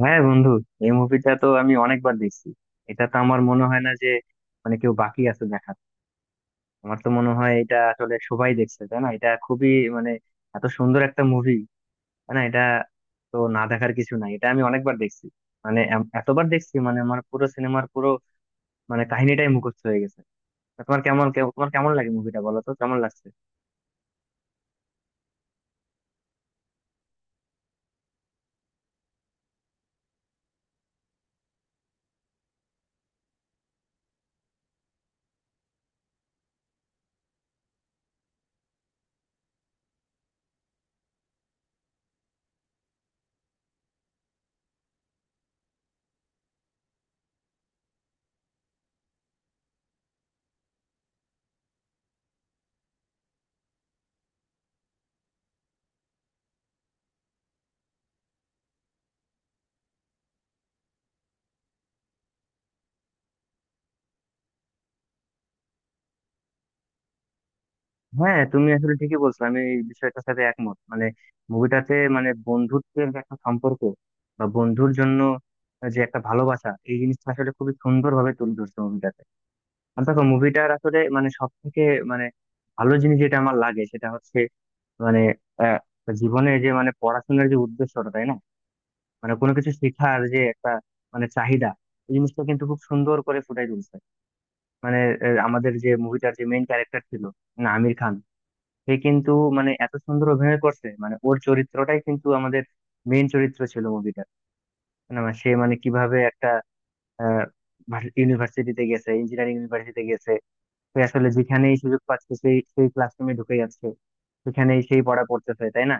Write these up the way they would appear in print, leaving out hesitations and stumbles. হ্যাঁ বন্ধু, এই মুভিটা তো আমি অনেকবার দেখছি। এটা তো আমার মনে হয় না যে মানে কেউ বাকি আছে দেখার। আমার তো মনে হয় এটা আসলে সবাই দেখছে, তাই না? এটা খুবই, মানে এত সুন্দর একটা মুভি, তাই না? এটা তো না দেখার কিছু নাই, এটা আমি অনেকবার দেখছি। মানে এতবার দেখছি, মানে আমার পুরো সিনেমার পুরো, মানে কাহিনীটাই মুখস্থ হয়ে গেছে। তা তোমার কেমন কেমন- তোমার কেমন লাগে মুভিটা, বলো তো কেমন লাগছে? হ্যাঁ তুমি আসলে ঠিকই বলছো, আমি এই বিষয়টার সাথে একমত। মানে মুভিটাতে, মানে বন্ধুত্বের যে একটা সম্পর্ক বা বন্ধুর জন্য যে একটা ভালোবাসা, এই জিনিসটা আসলে খুবই সুন্দর ভাবে তুলে ধরছে মুভিটাতে। আর দেখো, মুভিটার আসলে মানে সব থেকে, মানে ভালো জিনিস যেটা আমার লাগে সেটা হচ্ছে, মানে আহ, জীবনে যে, মানে পড়াশোনার যে উদ্দেশ্যটা, তাই না? মানে কোনো কিছু শেখার যে একটা, মানে চাহিদা, এই জিনিসটা কিন্তু খুব সুন্দর করে ফুটাই তুলছে। মানে আমাদের যে মুভিটার যে মেইন ক্যারেক্টার ছিল, মানে আমির খান, সে কিন্তু মানে এত সুন্দর অভিনয় করছে, মানে ওর চরিত্রটাই কিন্তু আমাদের মেইন চরিত্র ছিল মুভিটা। মানে আমার সে, মানে কিভাবে একটা ইউনিভার্সিটিতে গেছে, ইঞ্জিনিয়ারিং ইউনিভার্সিটিতে গেছে। সে আসলে যেখানেই সুযোগ পাচ্ছে সেই সেই ক্লাসরুমে ঢুকে যাচ্ছে, সেখানেই সেই পড়া পড়তেছে, তাই না?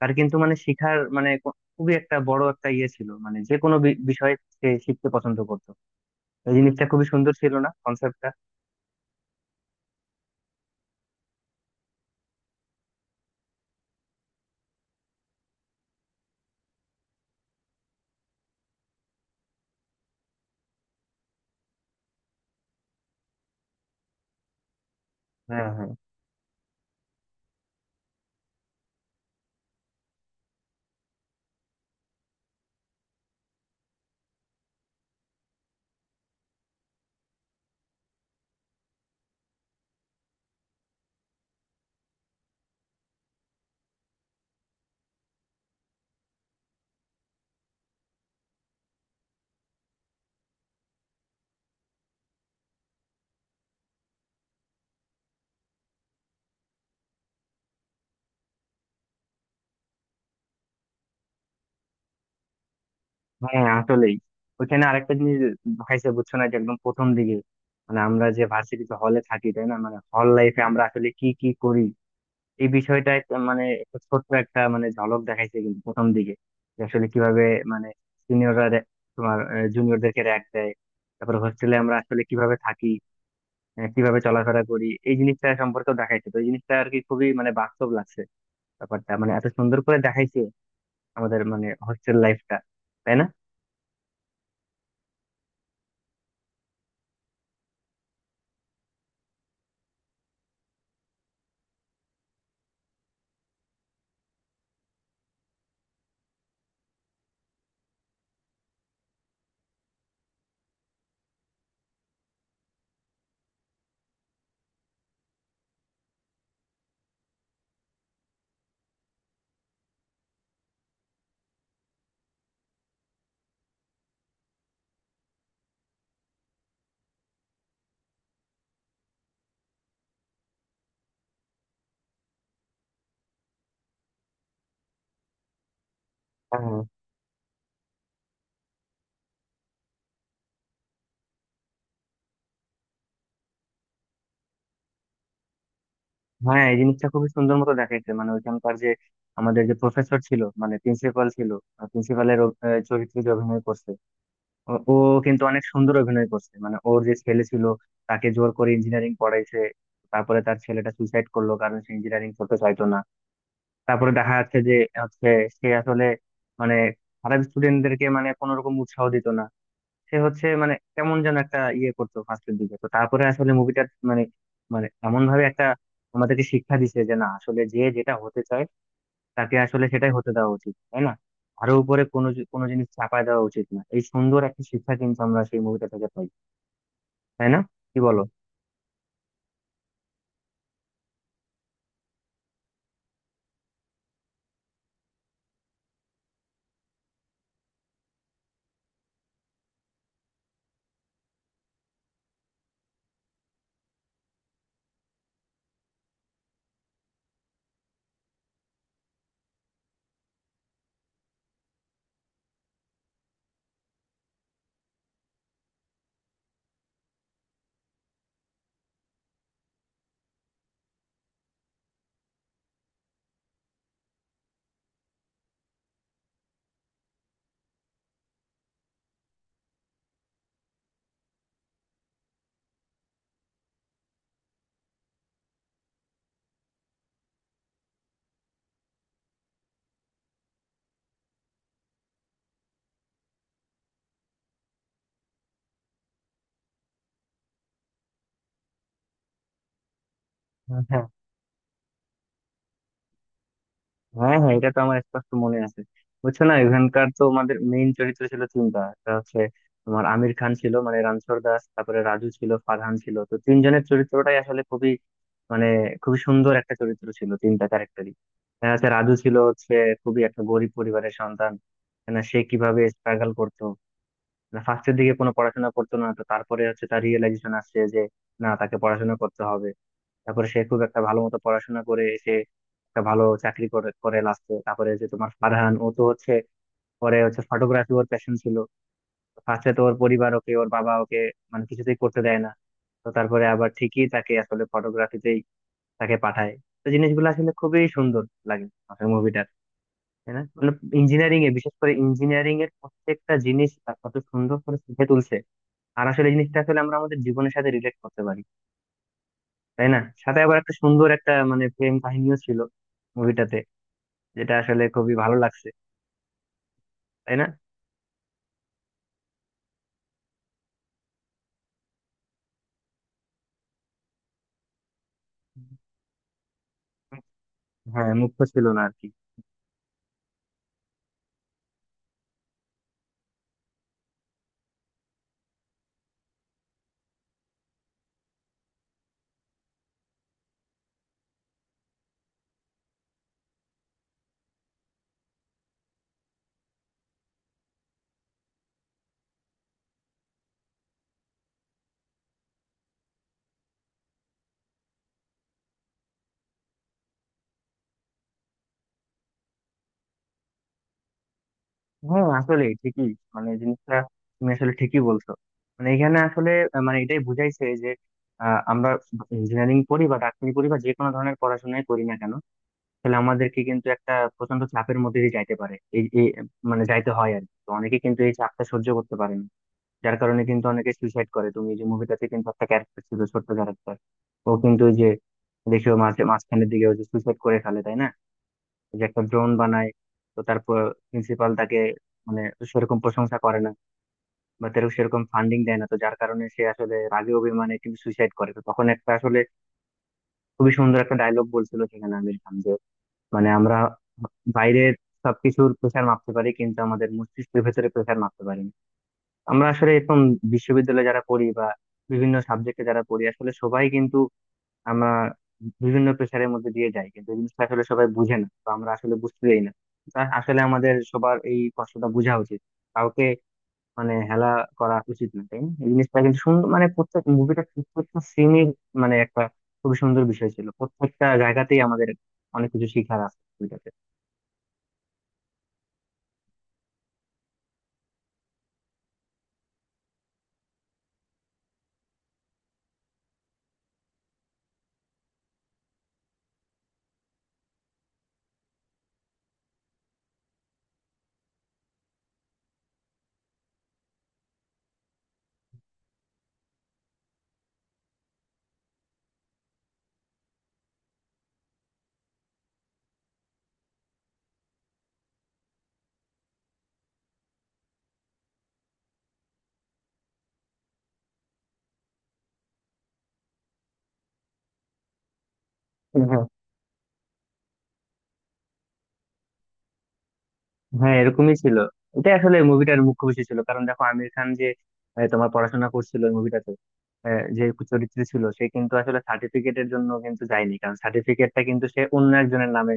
তার কিন্তু মানে শিখার, মানে খুবই একটা বড় একটা ইয়ে ছিল, মানে যে কোনো বিষয়ে সে শিখতে পছন্দ করতো। এই জিনিসটা খুবই সুন্দর ছিল না কনসেপ্টটা? হ্যাঁ, হ্যাঁ। হ্যাঁ, আসলেই। ওইখানে আরেকটা জিনিস হয়েছে বুঝছো না, যে একদম প্রথম দিকে মানে আমরা যে ভার্সিটিতে হলে থাকি, তাই না, মানে হল লাইফে আমরা আসলে কি কি করি, এই বিষয়টা একটা, মানে একটা ছোট্ট একটা মানে ঝলক দেখাইছে কিন্তু প্রথম দিকে, যে আসলে কিভাবে মানে সিনিয়ররা তোমার জুনিয়রদেরকে র‍্যাগ দেয়, তারপর হোস্টেলে আমরা আসলে কিভাবে থাকি, কিভাবে চলাফেরা করি, এই জিনিসটা সম্পর্কেও দেখাইছে। তো এই জিনিসটা আর কি খুবই মানে বাস্তব লাগছে ব্যাপারটা, মানে এত সুন্দর করে দেখাইছে আমাদের মানে হোস্টেল লাইফটা, তাই না? হ্যাঁ, এই জিনিসটা খুবই সুন্দর মতো দেখাইছে, মানে ওইখানকার যে আমাদের যে প্রফেসর ছিল, মানে প্রিন্সিপাল ছিল, প্রিন্সিপালের চরিত্রে যে অভিনয় করছে, ও ও কিন্তু অনেক সুন্দর অভিনয় করছে। মানে ওর যে ছেলে ছিল, তাকে জোর করে ইঞ্জিনিয়ারিং পড়াইছে, তারপরে তার ছেলেটা সুইসাইড করলো কারণ সে ইঞ্জিনিয়ারিং করতে চাইতো না। তারপরে দেখা যাচ্ছে যে হচ্ছে সে আসলে মানে খারাপ স্টুডেন্টদেরকে মানে কোনো রকম উৎসাহ দিত না, সে হচ্ছে মানে কেমন যেন একটা ইয়ে করতো ফার্স্টের দিকে। তো তারপরে আসলে মুভিটা মানে মানে এমন ভাবে একটা আমাদেরকে শিক্ষা দিছে যে না, আসলে যে যেটা হতে চায় তাকে আসলে সেটাই হতে দেওয়া উচিত, তাই না? আরো উপরে কোনো জিনিস চাপায় দেওয়া উচিত না, এই সুন্দর একটা শিক্ষা কিন্তু আমরা সেই মুভিটা থেকে পাই, তাই না? কি বলো? হ্যাঁ, হ্যাঁ, এটা তো আমার স্পষ্ট মনে আছে। বুঝছো না, এখানকার তো আমাদের মেইন চরিত্র ছিল তিনটা, একটা হচ্ছে তোমার আমির খান ছিল, মানে রানছর দাস, তারপরে রাজু ছিল, ফারহান ছিল। তো তিনজনের চরিত্রটাই আসলে খুবই, মানে খুবই সুন্দর একটা চরিত্র ছিল, তিনটা ক্যারেক্টারই। হ্যাঁ, হচ্ছে রাজু ছিল হচ্ছে খুবই একটা গরিব পরিবারের সন্তান, না? সে কিভাবে স্ট্রাগল করতো, না ফার্স্টের দিকে কোনো পড়াশোনা করতো না। তো তারপরে হচ্ছে তার রিয়েলাইজেশন আসছে যে না, তাকে পড়াশোনা করতে হবে। তারপরে সে খুব একটা ভালো মতো পড়াশোনা করে এসে একটা ভালো চাকরি করে করে লাস্টে। তারপরে যে তোমার ফারহান, ও তো হচ্ছে পরে হচ্ছে ফটোগ্রাফি ওর প্যাশন ছিল, ফার্স্টে তো ওর পরিবার ওকে, ওর বাবা ওকে মানে কিছুতেই করতে দেয় না। তো তারপরে আবার ঠিকই তাকে আসলে ফটোগ্রাফিতেই তাকে পাঠায়। তো জিনিসগুলো আসলে খুবই সুন্দর লাগে আসলে মুভিটার, তাই না? মানে ইঞ্জিনিয়ারিং এ, বিশেষ করে ইঞ্জিনিয়ারিং এর প্রত্যেকটা জিনিস তার কত সুন্দর করে ফুটে তুলছে। আর আসলে এই জিনিসটা আসলে আমরা আমাদের জীবনের সাথে রিলেট করতে পারি, তাই না? সাথে আবার একটা সুন্দর একটা মানে প্রেম কাহিনীও ছিল মুভিটাতে, যেটা আসলে খুবই ভালো লাগছে, তাই না? হ্যাঁ, মুখ্য ছিল না আর কি। হ্যাঁ আসলে ঠিকই, মানে জিনিসটা তুমি আসলে ঠিকই বলছো। মানে এখানে আসলে মানে এটাই বুঝাইছে যে আমরা ইঞ্জিনিয়ারিং পড়ি বা ডাক্তারি পড়ি বা যে কোনো ধরনের পড়াশোনাই করি না কেন, তাহলে আমাদেরকে কিন্তু একটা প্রচন্ড চাপের মধ্যে দিয়ে যাইতে পারে, এই এই, মানে যাইতে হয় আর কি। তো অনেকে কিন্তু এই চাপটা সহ্য করতে পারে না, যার কারণে কিন্তু অনেকে সুইসাইড করে। তুমি এই যে মুভিটাতে কিন্তু একটা ক্যারেক্টার ছিল, ছোট্ট ক্যারেক্টার, ও কিন্তু ওই যে, দেখো মাঝে মাঝখানের দিকে ওই যে সুইসাইড করে ফেলে, তাই না? ওই যে একটা ড্রোন বানায়, তো তারপর প্রিন্সিপাল তাকে মানে সেরকম প্রশংসা করে না বা তার সেরকম ফান্ডিং দেয় না, তো যার কারণে সে আসলে রাগে অভিমানে কিন্তু সুইসাইড করে। তো তখন একটা আসলে খুবই সুন্দর একটা ডায়লগ বলছিল সেখানে আমির খান, যে মানে আমরা বাইরের সবকিছুর প্রেশার মাপতে পারি, কিন্তু আমাদের মস্তিষ্কের ভেতরে প্রেশার মাপতে পারি না। আমরা আসলে এখন বিশ্ববিদ্যালয়ে যারা পড়ি বা বিভিন্ন সাবজেক্টে যারা পড়ি, আসলে সবাই কিন্তু আমরা বিভিন্ন প্রেশারের মধ্যে দিয়ে যাই, কিন্তু এই জিনিসটা আসলে সবাই বুঝে না, তো আমরা আসলে বুঝতে যাই না। তা আসলে আমাদের সবার এই কষ্টটা বোঝা উচিত, কাউকে মানে হেলা করা উচিত না, তাই না? এই জিনিসটা কিন্তু সুন্দর, মানে প্রত্যেক মুভিটা, প্রত্যেকটা সিনের মানে একটা খুবই সুন্দর বিষয় ছিল। প্রত্যেকটা জায়গাতেই আমাদের অনেক কিছু শিখার আছে মুভিটাতে। হ্যাঁ, এরকমই ছিল, এটাই আসলে মুভিটার মুখ্য বিষয় ছিল। কারণ দেখো, আমির খান যে তোমার পড়াশোনা করছিল ওই মুভিটাতে, যে চরিত্রে ছিল, সে কিন্তু আসলে সার্টিফিকেটের জন্য কিন্তু যায়নি, কারণ সার্টিফিকেটটা কিন্তু সে অন্য একজনের নামে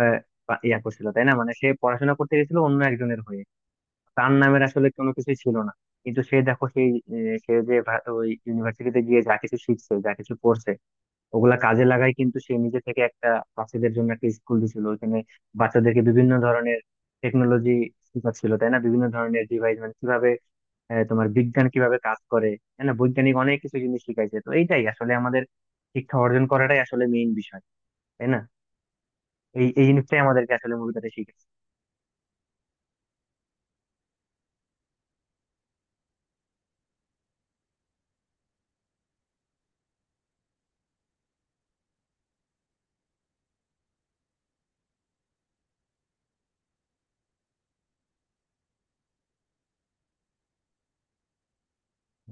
আহ, ইয়া করছিল, তাই না? মানে সে পড়াশোনা করতে গেছিল অন্য একজনের হয়ে, তার নামের আসলে কোনো কিছুই ছিল না। কিন্তু সে দেখো সেই আহ, সে যে ওই ইউনিভার্সিটিতে গিয়ে যা কিছু শিখছে, যা কিছু করছে, ওগুলা কাজে লাগাই কিন্তু সে নিজে থেকে একটা বাচ্চাদের জন্য একটা স্কুল দিছিল ওখানে। বাচ্চাদেরকে বিভিন্ন ধরনের টেকনোলজি ছিল, তাই না, বিভিন্ন ধরনের ডিভাইস, মানে কিভাবে তোমার বিজ্ঞান কিভাবে কাজ করে, তাই না, বৈজ্ঞানিক অনেক কিছু জিনিস শিখাইছে। তো এইটাই আসলে আমাদের শিক্ষা অর্জন করাটাই আসলে মেইন বিষয়, তাই না? এই এই জিনিসটাই আমাদেরকে আসলে মুভিটাতে শিখেছে।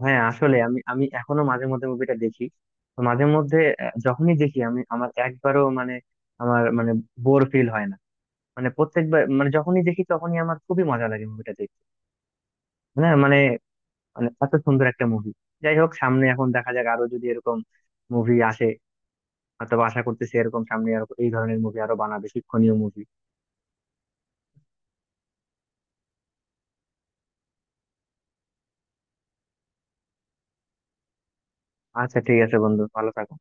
হ্যাঁ আসলে আমি আমি এখনো মাঝে মধ্যে মুভিটা দেখি। তো মাঝে মধ্যে যখনই দেখি, আমি আমার একবারও মানে, আমার মানে বোর ফিল হয় না, মানে প্রত্যেকবার মানে যখনই দেখি তখনই আমার খুবই মজা লাগে মুভিটা দেখতে। হ্যাঁ মানে মানে এত সুন্দর একটা মুভি। যাই হোক, সামনে এখন দেখা যাক আরো যদি এরকম মুভি আসে, হয়তো আশা করতেছি এরকম সামনে আরো এই ধরনের মুভি আরো বানাবে, শিক্ষণীয় মুভি। আচ্ছা ঠিক আছে বন্ধু, ভালো থাকো।